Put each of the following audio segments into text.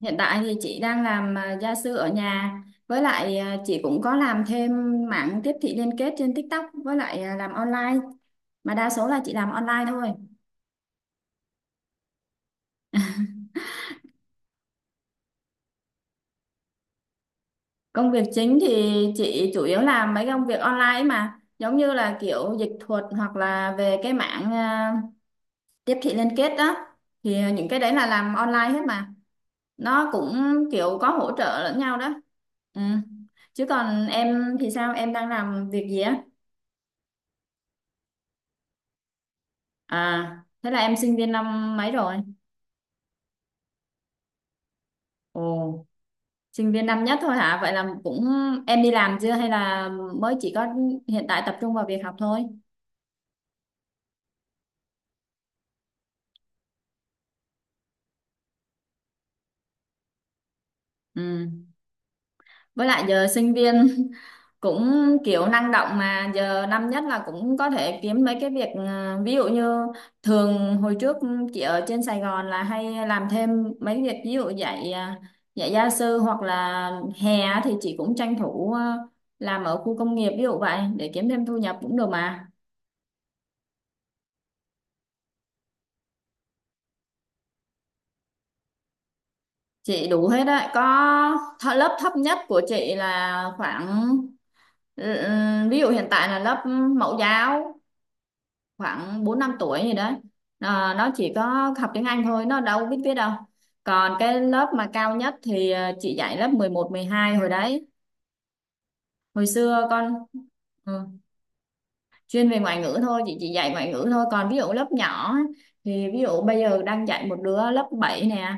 Hiện tại thì chị đang làm gia sư ở nhà, với lại chị cũng có làm thêm mảng tiếp thị liên kết trên TikTok, với lại làm online, mà đa số là chị làm online thôi. Công việc chính thì chị chủ yếu làm mấy công việc online ấy, mà giống như là kiểu dịch thuật hoặc là về cái mảng tiếp thị liên kết đó, thì những cái đấy là làm online hết mà nó cũng kiểu có hỗ trợ lẫn nhau đó. Ừ. Chứ còn em thì sao? Em đang làm việc gì á? À, thế là em sinh viên năm mấy rồi? Ồ, sinh viên năm nhất thôi hả? Vậy là cũng em đi làm chưa hay là mới chỉ có hiện tại tập trung vào việc học thôi? Ừ. Với lại giờ sinh viên cũng kiểu năng động mà, giờ năm nhất là cũng có thể kiếm mấy cái việc, ví dụ như thường hồi trước chị ở trên Sài Gòn là hay làm thêm mấy việc, ví dụ dạy gia sư, hoặc là hè á thì chị cũng tranh thủ làm ở khu công nghiệp ví dụ vậy để kiếm thêm thu nhập cũng được mà. Chị đủ hết đấy, có lớp thấp nhất của chị là khoảng, ừ, ừ, ví dụ hiện tại là lớp mẫu giáo, khoảng 4 5 tuổi gì đấy. Nó chỉ có học tiếng Anh thôi, nó đâu biết viết đâu. Còn cái lớp mà cao nhất thì chị dạy lớp mười một mười hai hồi đấy. Hồi xưa con ừ, chuyên về ngoại ngữ thôi, chị chỉ dạy ngoại ngữ thôi, còn ví dụ lớp nhỏ á, thì ví dụ bây giờ đang dạy một đứa lớp 7 nè,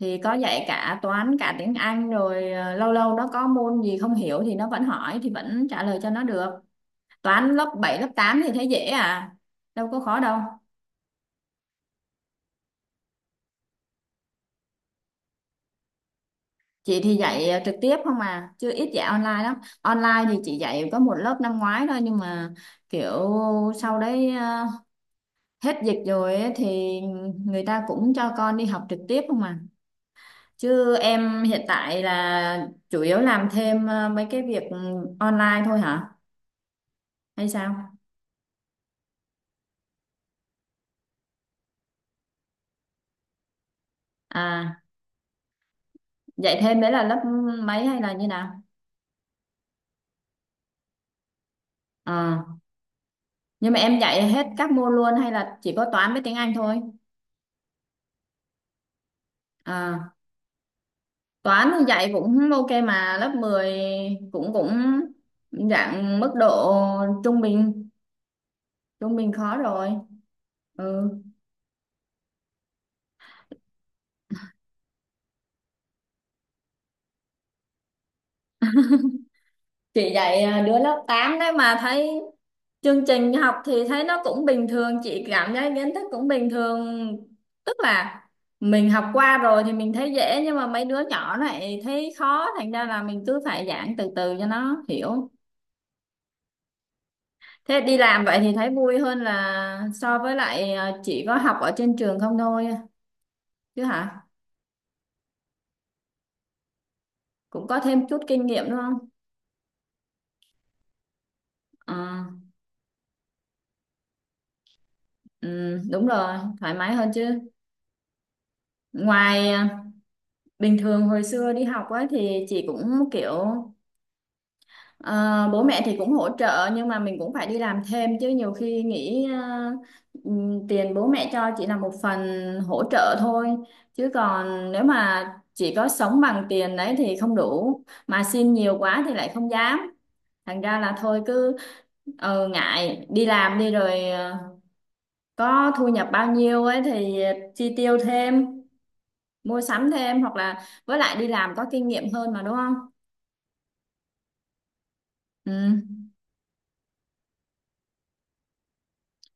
thì có dạy cả toán cả tiếng Anh rồi, lâu lâu nó có môn gì không hiểu thì nó vẫn hỏi thì vẫn trả lời cho nó được. Toán lớp 7 lớp 8 thì thấy dễ à, đâu có khó đâu. Chị thì dạy trực tiếp không à, chứ ít dạy online lắm. Online thì chị dạy có một lớp năm ngoái thôi, nhưng mà kiểu sau đấy hết dịch rồi ấy, thì người ta cũng cho con đi học trực tiếp không à. Chứ em hiện tại là chủ yếu làm thêm mấy cái việc online thôi hả? Hay sao? À, dạy thêm đấy là lớp mấy hay là như nào? Ờ, nhưng mà em dạy hết các môn luôn hay là chỉ có toán với tiếng Anh thôi? À, toán thì dạy cũng ok mà, lớp 10 cũng cũng dạng mức độ trung bình, trung bình khó rồi. Ừ. Chị dạy đứa lớp 8 đấy mà thấy chương trình học thì thấy nó cũng bình thường, chị cảm thấy kiến thức cũng bình thường, tức là mình học qua rồi thì mình thấy dễ, nhưng mà mấy đứa nhỏ này thấy khó, thành ra là mình cứ phải giảng từ từ cho nó hiểu. Thế đi làm vậy thì thấy vui hơn là so với lại chỉ có học ở trên trường không thôi chứ hả, cũng có thêm chút kinh nghiệm đúng không. Ờ, ừ, đúng rồi. Thoải mái hơn chứ. Ngoài bình thường hồi xưa đi học á thì chị cũng kiểu ờ, bố mẹ thì cũng hỗ trợ, nhưng mà mình cũng phải đi làm thêm chứ, nhiều khi nghĩ, tiền bố mẹ cho chỉ là một phần hỗ trợ thôi, chứ còn nếu mà chỉ có sống bằng tiền đấy thì không đủ, mà xin nhiều quá thì lại không dám, thành ra là thôi cứ ngại đi làm đi rồi có thu nhập bao nhiêu ấy thì chi tiêu thêm, mua sắm thêm, hoặc là với lại đi làm có kinh nghiệm hơn mà, đúng không? Ừ,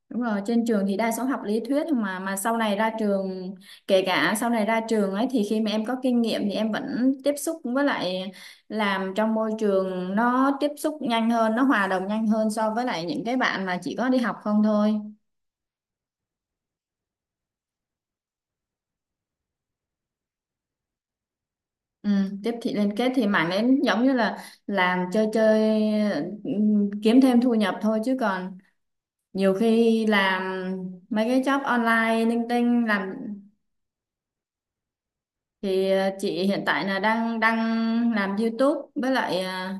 đúng rồi, trên trường thì đa số học lý thuyết, mà sau này ra trường, kể cả sau này ra trường ấy, thì khi mà em có kinh nghiệm thì em vẫn tiếp xúc với lại làm trong môi trường, nó tiếp xúc nhanh hơn, nó hòa đồng nhanh hơn so với lại những cái bạn mà chỉ có đi học không thôi. Ừ, tiếp thị liên kết thì mảng đấy giống như là làm chơi chơi, ừ, kiếm thêm thu nhập thôi, chứ còn nhiều khi làm mấy cái job online linh tinh làm. Thì chị hiện tại là đang đang làm YouTube với lại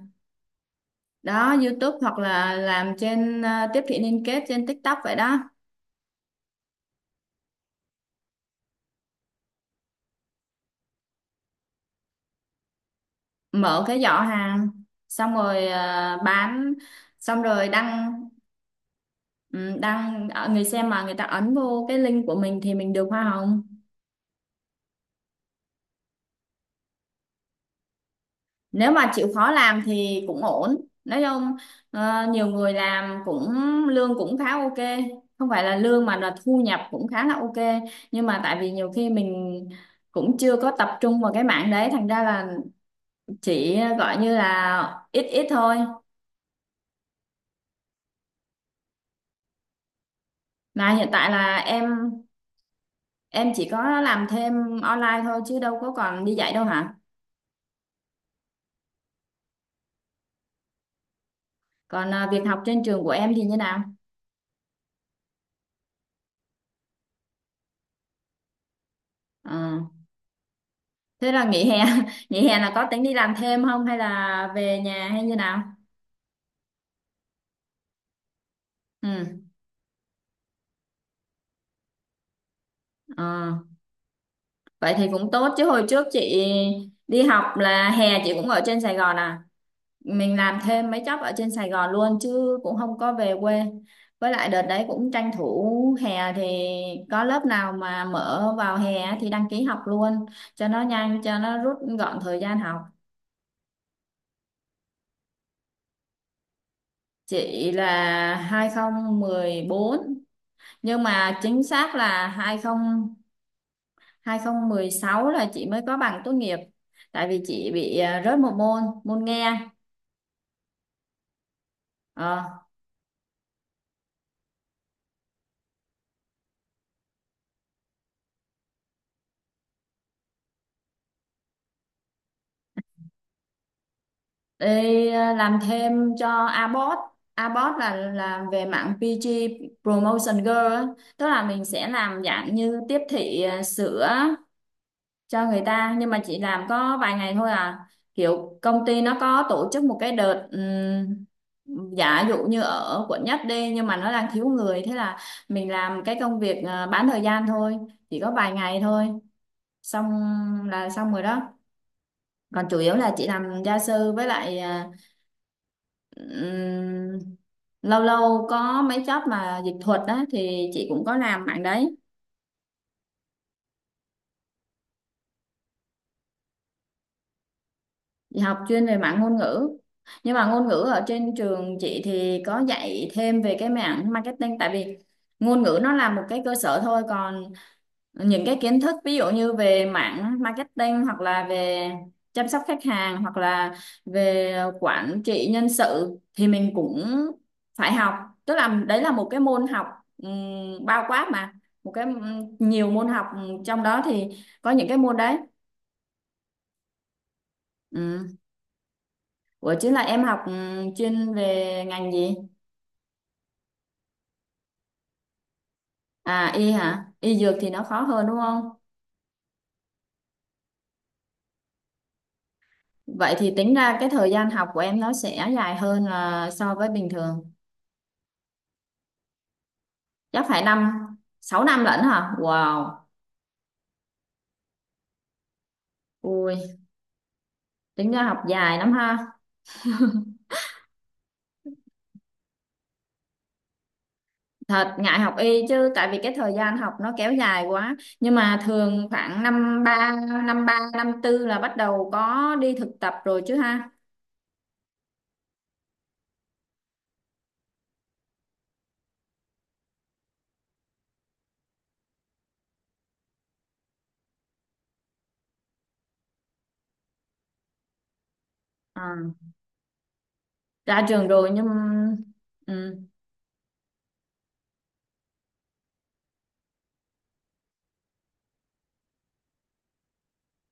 đó, YouTube hoặc là làm trên tiếp thị liên kết trên TikTok vậy đó. Mở cái giỏ hàng, xong rồi bán, xong rồi đăng, ừ, đăng, người xem mà người ta ấn vô cái link của mình thì mình được hoa hồng. Nếu mà chịu khó làm thì cũng ổn, nói chung nhiều người làm cũng lương cũng khá ok, không phải là lương mà là thu nhập cũng khá là ok, nhưng mà tại vì nhiều khi mình cũng chưa có tập trung vào cái mảng đấy, thành ra là chỉ gọi như là ít ít thôi. Mà hiện tại là em chỉ có làm thêm online thôi chứ đâu có còn đi dạy đâu hả? Còn việc học trên trường của em thì như nào? Ờ, Thế là nghỉ hè nghỉ hè là có tính đi làm thêm không hay là về nhà hay như nào? Ừ. ờ, Vậy thì cũng tốt chứ, hồi trước chị đi học là hè chị cũng ở trên Sài Gòn à, mình làm thêm mấy job ở trên Sài Gòn luôn chứ cũng không có về quê, với lại đợt đấy cũng tranh thủ hè thì có lớp nào mà mở vào hè á thì đăng ký học luôn cho nó nhanh, cho nó rút gọn thời gian học. Chị là hai không một bốn, nhưng mà chính xác là 20 2016 là chị mới có bằng tốt nghiệp, tại vì chị bị rớt một môn, môn nghe. ờ, Đi làm thêm cho Abot, Abot là làm về mạng PG, Promotion Girl á. Tức là mình sẽ làm dạng như tiếp thị sữa cho người ta, nhưng mà chị làm có vài ngày thôi à, kiểu công ty nó có tổ chức một cái đợt, giả dụ như ở quận nhất đi, nhưng mà nó đang thiếu người, thế là mình làm cái công việc bán thời gian thôi, chỉ có vài ngày thôi, xong là xong rồi đó. Còn chủ yếu là chị làm gia sư với lại ừm, lâu lâu có mấy job mà dịch thuật á thì chị cũng có làm mạng đấy. Chị học chuyên về mảng ngôn ngữ. Nhưng mà ngôn ngữ ở trên trường chị thì có dạy thêm về cái mảng marketing, tại vì ngôn ngữ nó là một cái cơ sở thôi, còn những cái kiến thức ví dụ như về mảng marketing hoặc là về chăm sóc khách hàng hoặc là về quản trị nhân sự thì mình cũng phải học. Tức là đấy là một cái môn học bao quát mà, một cái nhiều môn học trong đó thì có những cái môn đấy. Ủa chứ là em học, ừ, chuyên về ngành gì? À, y hả? Y dược thì nó khó hơn đúng không? Vậy thì tính ra cái thời gian học của em nó sẽ dài hơn là so với bình thường. Chắc phải năm, 6 năm lận hả? Wow. Ui, tính ra học dài lắm ha. Thật ngại học y chứ, tại vì cái thời gian học nó kéo dài quá. Nhưng mà thường khoảng năm ba, năm tư là bắt đầu có đi thực tập rồi chứ ha. À, ra trường rồi nhưng ừ.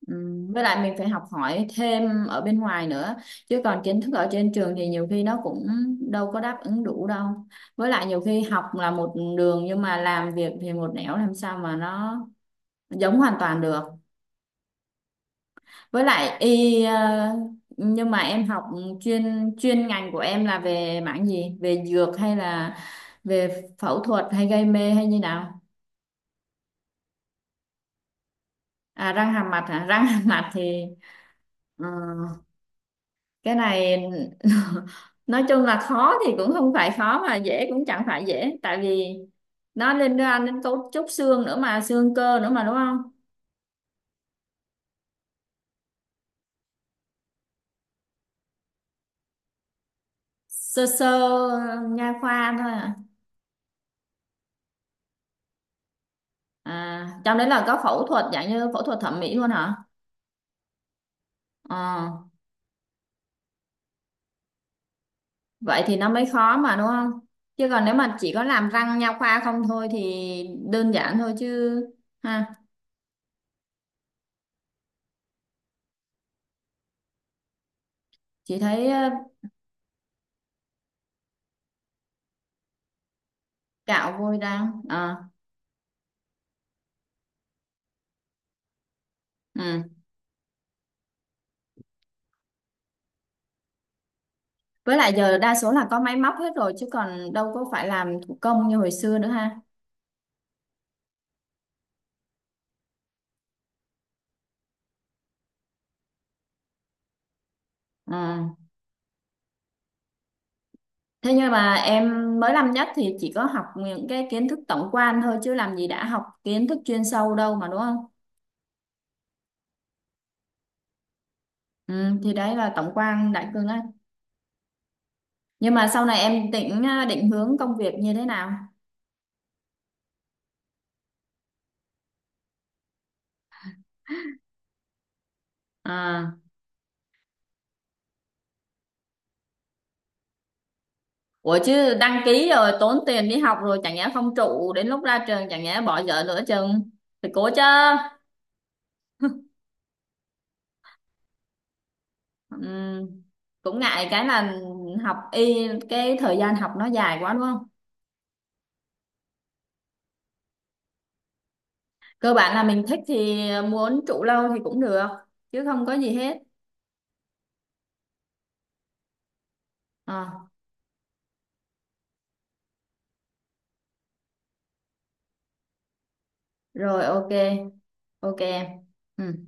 Với lại mình phải học hỏi thêm ở bên ngoài nữa, chứ còn kiến thức ở trên trường thì nhiều khi nó cũng đâu có đáp ứng đủ đâu, với lại nhiều khi học là một đường nhưng mà làm việc thì một nẻo, làm sao mà nó giống hoàn toàn được. Với lại y nhưng mà em học chuyên chuyên ngành của em là về mảng gì, về dược hay là về phẫu thuật hay gây mê hay như nào? À, răng hàm mặt hả? Răng hàm mặt thì ờ, cái này nói chung là khó thì cũng không phải khó mà dễ cũng chẳng phải dễ, tại vì nó liên quan đến cấu trúc xương nữa mà xương cơ nữa mà, đúng không? Sơ sơ nha khoa thôi à? À, trong đấy là có phẫu thuật dạng như phẫu thuật thẩm mỹ luôn hả? Ờ, vậy thì nó mới khó mà, đúng không, chứ còn nếu mà chỉ có làm răng nha khoa không thôi thì đơn giản thôi chứ ha. Chị thấy cạo vôi răng. Ờ, ừ. Với lại giờ đa số là có máy móc hết rồi chứ còn đâu có phải làm thủ công như hồi xưa nữa ha. Ừ. Thế nhưng mà em mới năm nhất thì chỉ có học những cái kiến thức tổng quan thôi, chứ làm gì đã học kiến thức chuyên sâu đâu mà đúng không? Ừ, thì đấy là tổng quan, đại cương á. Nhưng mà sau này em định định hướng công việc như thế nào? À, ủa chứ đăng ký rồi, tốn tiền đi học rồi, chẳng nhẽ không trụ đến lúc ra trường, chẳng nhẽ bỏ dở nửa chừng? Thì cố chứ. Ừm, cũng ngại cái là học y, cái thời gian học nó dài quá đúng không, cơ bản là mình thích thì muốn trụ lâu thì cũng được chứ không có gì hết. Ờ, rồi ok. Ok em. Ừ.